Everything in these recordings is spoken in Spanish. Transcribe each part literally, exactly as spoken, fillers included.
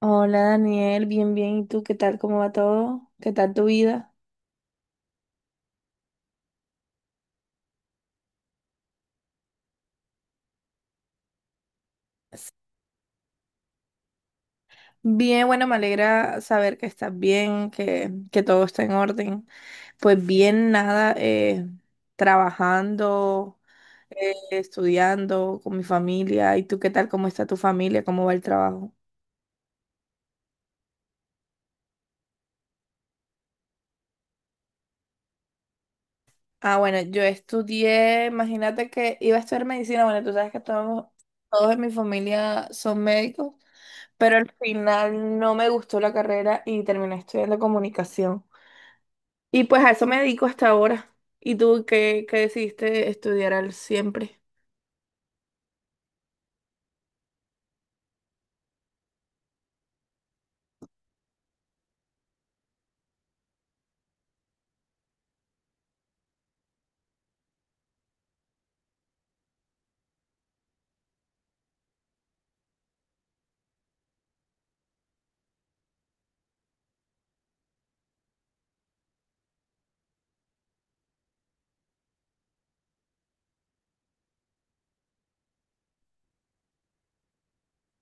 Hola Daniel, bien, bien. ¿Y tú qué tal? ¿Cómo va todo? ¿Qué tal tu vida? Bien, bueno, me alegra saber que estás bien, que, que todo está en orden. Pues bien, nada, eh, trabajando, eh, estudiando con mi familia. ¿Y tú qué tal? ¿Cómo está tu familia? ¿Cómo va el trabajo? Ah, bueno, yo estudié, imagínate que iba a estudiar medicina. Bueno, tú sabes que todos, todos en mi familia son médicos. Pero al final no me gustó la carrera y terminé estudiando comunicación. Y pues a eso me dedico hasta ahora. ¿Y tú qué, qué decidiste estudiar al siempre?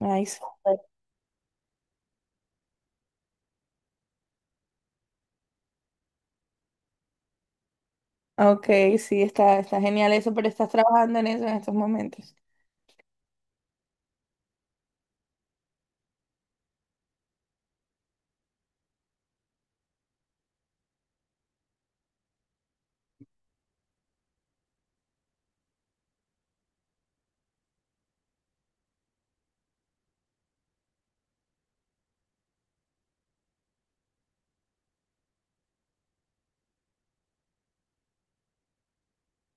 Ay, súper. Ok, sí, está, está genial eso, pero estás trabajando en eso en estos momentos.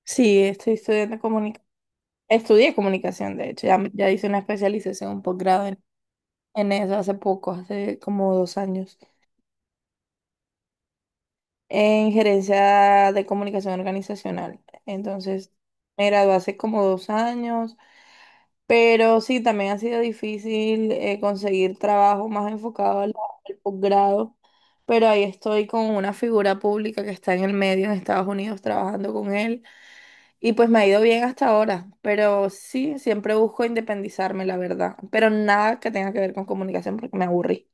Sí, estoy estudiando comunicación. Estudié comunicación, de hecho, ya, ya hice una especialización, un posgrado en, en eso hace poco, hace como dos años, en gerencia de comunicación organizacional. Entonces, me gradué hace como dos años. Pero sí, también ha sido difícil eh, conseguir trabajo más enfocado al, al posgrado, pero ahí estoy con una figura pública que está en el medio en Estados Unidos trabajando con él y pues me ha ido bien hasta ahora, pero sí, siempre busco independizarme, la verdad, pero nada que tenga que ver con comunicación porque me aburrí.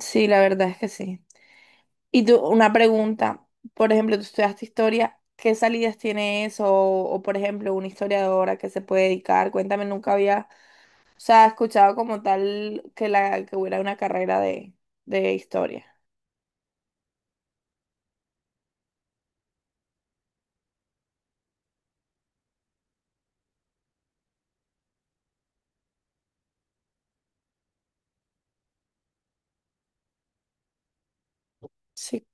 Sí, la verdad es que sí. Y tú, una pregunta, por ejemplo, tú estudiaste historia, ¿qué salidas tiene eso? O, o, por ejemplo, una historiadora que se puede dedicar, cuéntame, nunca había... O sea, he escuchado como tal que la que hubiera una carrera de, de historia. Sí,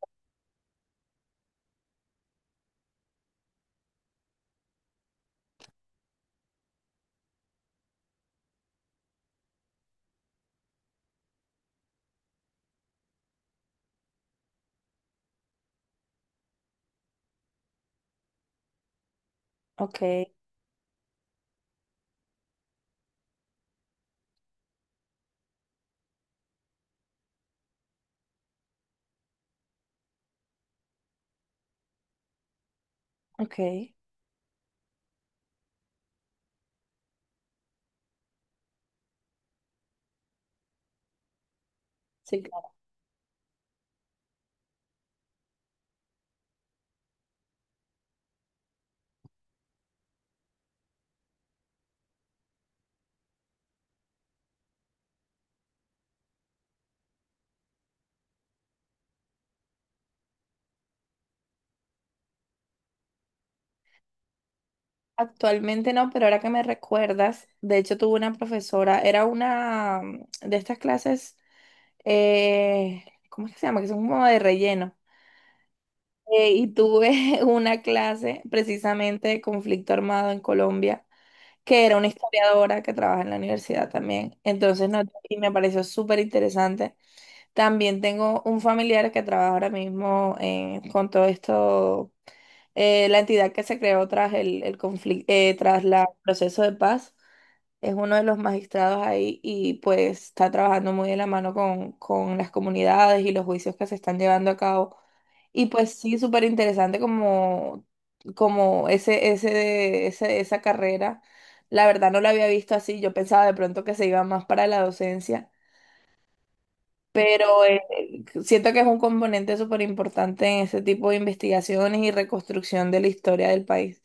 ok, ok. Sí, claro. Actualmente no, pero ahora que me recuerdas, de hecho tuve una profesora, era una mm, de estas clases, eh, ¿cómo es que se llama? Que son como de relleno. Eh, y tuve una clase precisamente de conflicto armado en Colombia, que era una historiadora que trabaja en la universidad también. Entonces, no, y me pareció súper interesante. También tengo un familiar que trabaja ahora mismo eh, con todo esto, eh, la entidad que se creó tras el, el conflicto, tras la- el proceso de paz. Es uno de los magistrados ahí y pues está trabajando muy de la mano con, con las comunidades y los juicios que se están llevando a cabo. Y pues sí, súper interesante como, como ese, ese, ese, esa carrera. La verdad no la había visto así. Yo pensaba de pronto que se iba más para la docencia, pero eh, siento que es un componente súper importante en ese tipo de investigaciones y reconstrucción de la historia del país.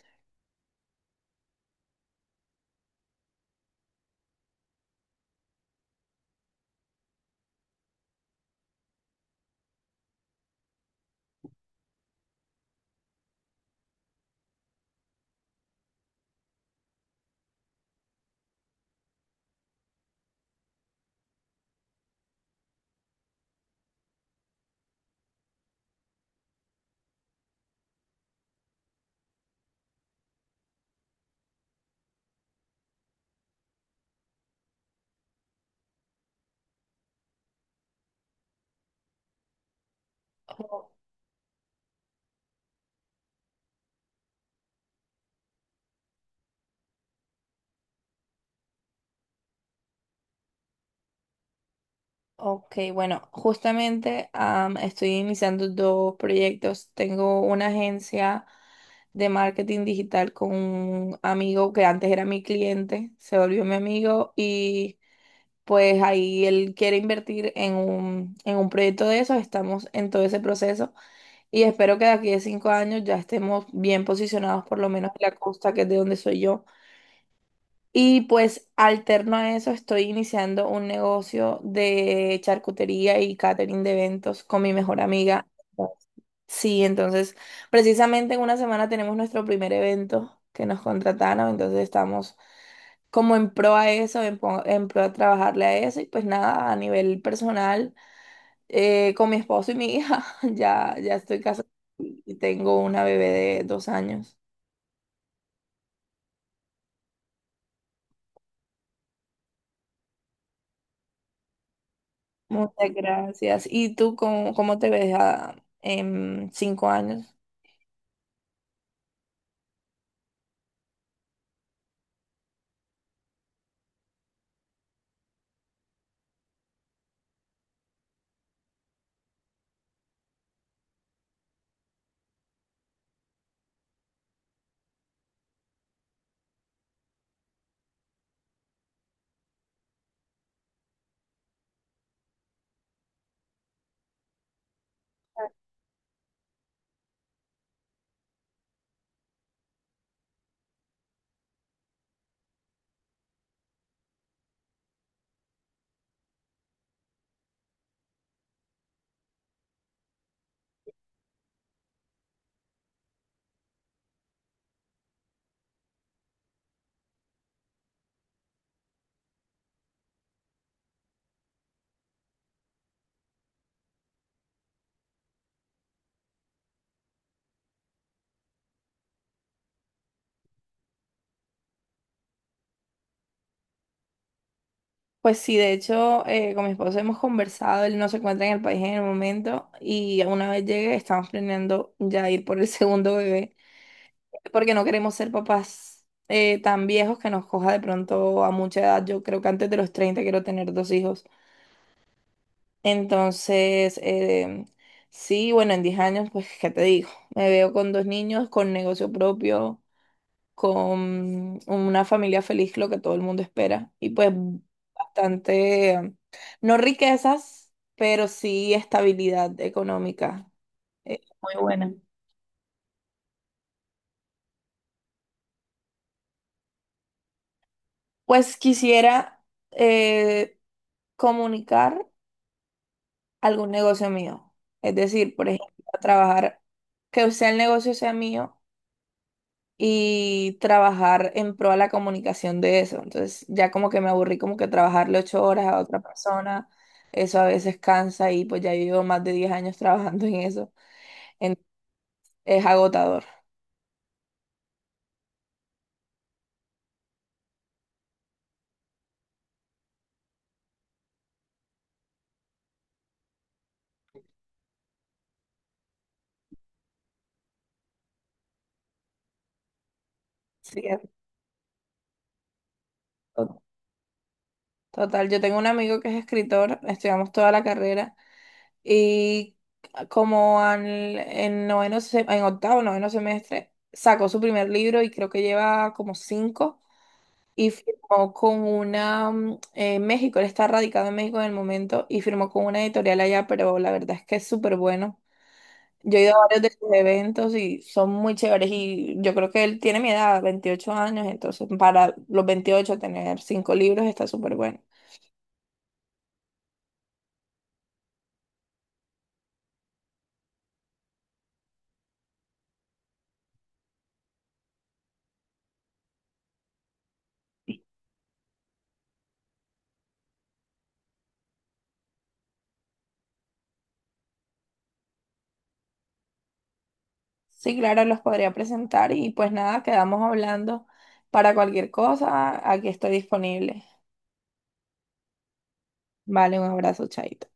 O- Ok, bueno, justamente am, estoy iniciando dos proyectos. Tengo una agencia de marketing digital con un amigo que antes era mi cliente, se volvió mi amigo y pues ahí él quiere invertir en un, en un proyecto de esos, estamos en todo ese proceso. Y espero que de aquí a cinco años ya estemos bien posicionados, por lo menos en la costa, que es de donde soy yo. Y pues alterno a eso, estoy iniciando un negocio de charcutería y catering de eventos con mi mejor amiga. Sí, entonces, precisamente en una semana tenemos nuestro primer evento que nos contrataron, entonces estamos como en pro a eso, en, po- en pro a trabajarle a eso. Y pues nada, a nivel personal eh, con mi esposo y mi hija. Ya, ya estoy casada y tengo una bebé de dos años. Muchas gracias. ¿Y tú cómo, cómo te ves a en cinco años? Pues sí, de hecho, eh, con mi esposo hemos conversado, él no se encuentra en el país en el momento y una vez llegue estamos planeando ya ir por el segundo bebé porque no queremos ser papás eh, tan viejos que nos coja de pronto a mucha edad. Yo creo que antes de los treinta quiero tener dos hijos. Entonces, em, sí, bueno, en diez años, pues, ¿qué te digo? Me veo con dos niños, con negocio propio, con una familia feliz, lo que todo el mundo espera. Y pues bastante, em, no riquezas, pero sí estabilidad económica, eh, muy buena. Pues quisiera eh, comunicar algún negocio mío. Es decir, por ejemplo, trabajar, que sea el negocio sea mío y trabajar en pro a la comunicación de eso. Entonces ya como que me aburrí como que trabajarle ocho horas a otra persona, eso a veces cansa y pues ya yo llevo más de diez años trabajando en eso. En- es agotador. Sí, es to- total. Yo tengo un amigo que es escritor, estudiamos toda la carrera y como al- en noveno, se- en octavo, noveno semestre, sacó su primer libro y creo que lleva como cinco. Y firmó con una, mm, en México, él está radicado en México en el momento y firmó con una editorial allá, pero la verdad es que es súper bueno. Yo he ido a varios de sus eventos y son muy chéveres y yo creo que él tiene mi edad, veintiocho años, entonces para los veintiocho tener cinco libros está súper bueno. Sí, claro, los podría presentar y pues nada, quedamos hablando. Para cualquier cosa, aquí estoy disponible. Vale, un abrazo, chaito.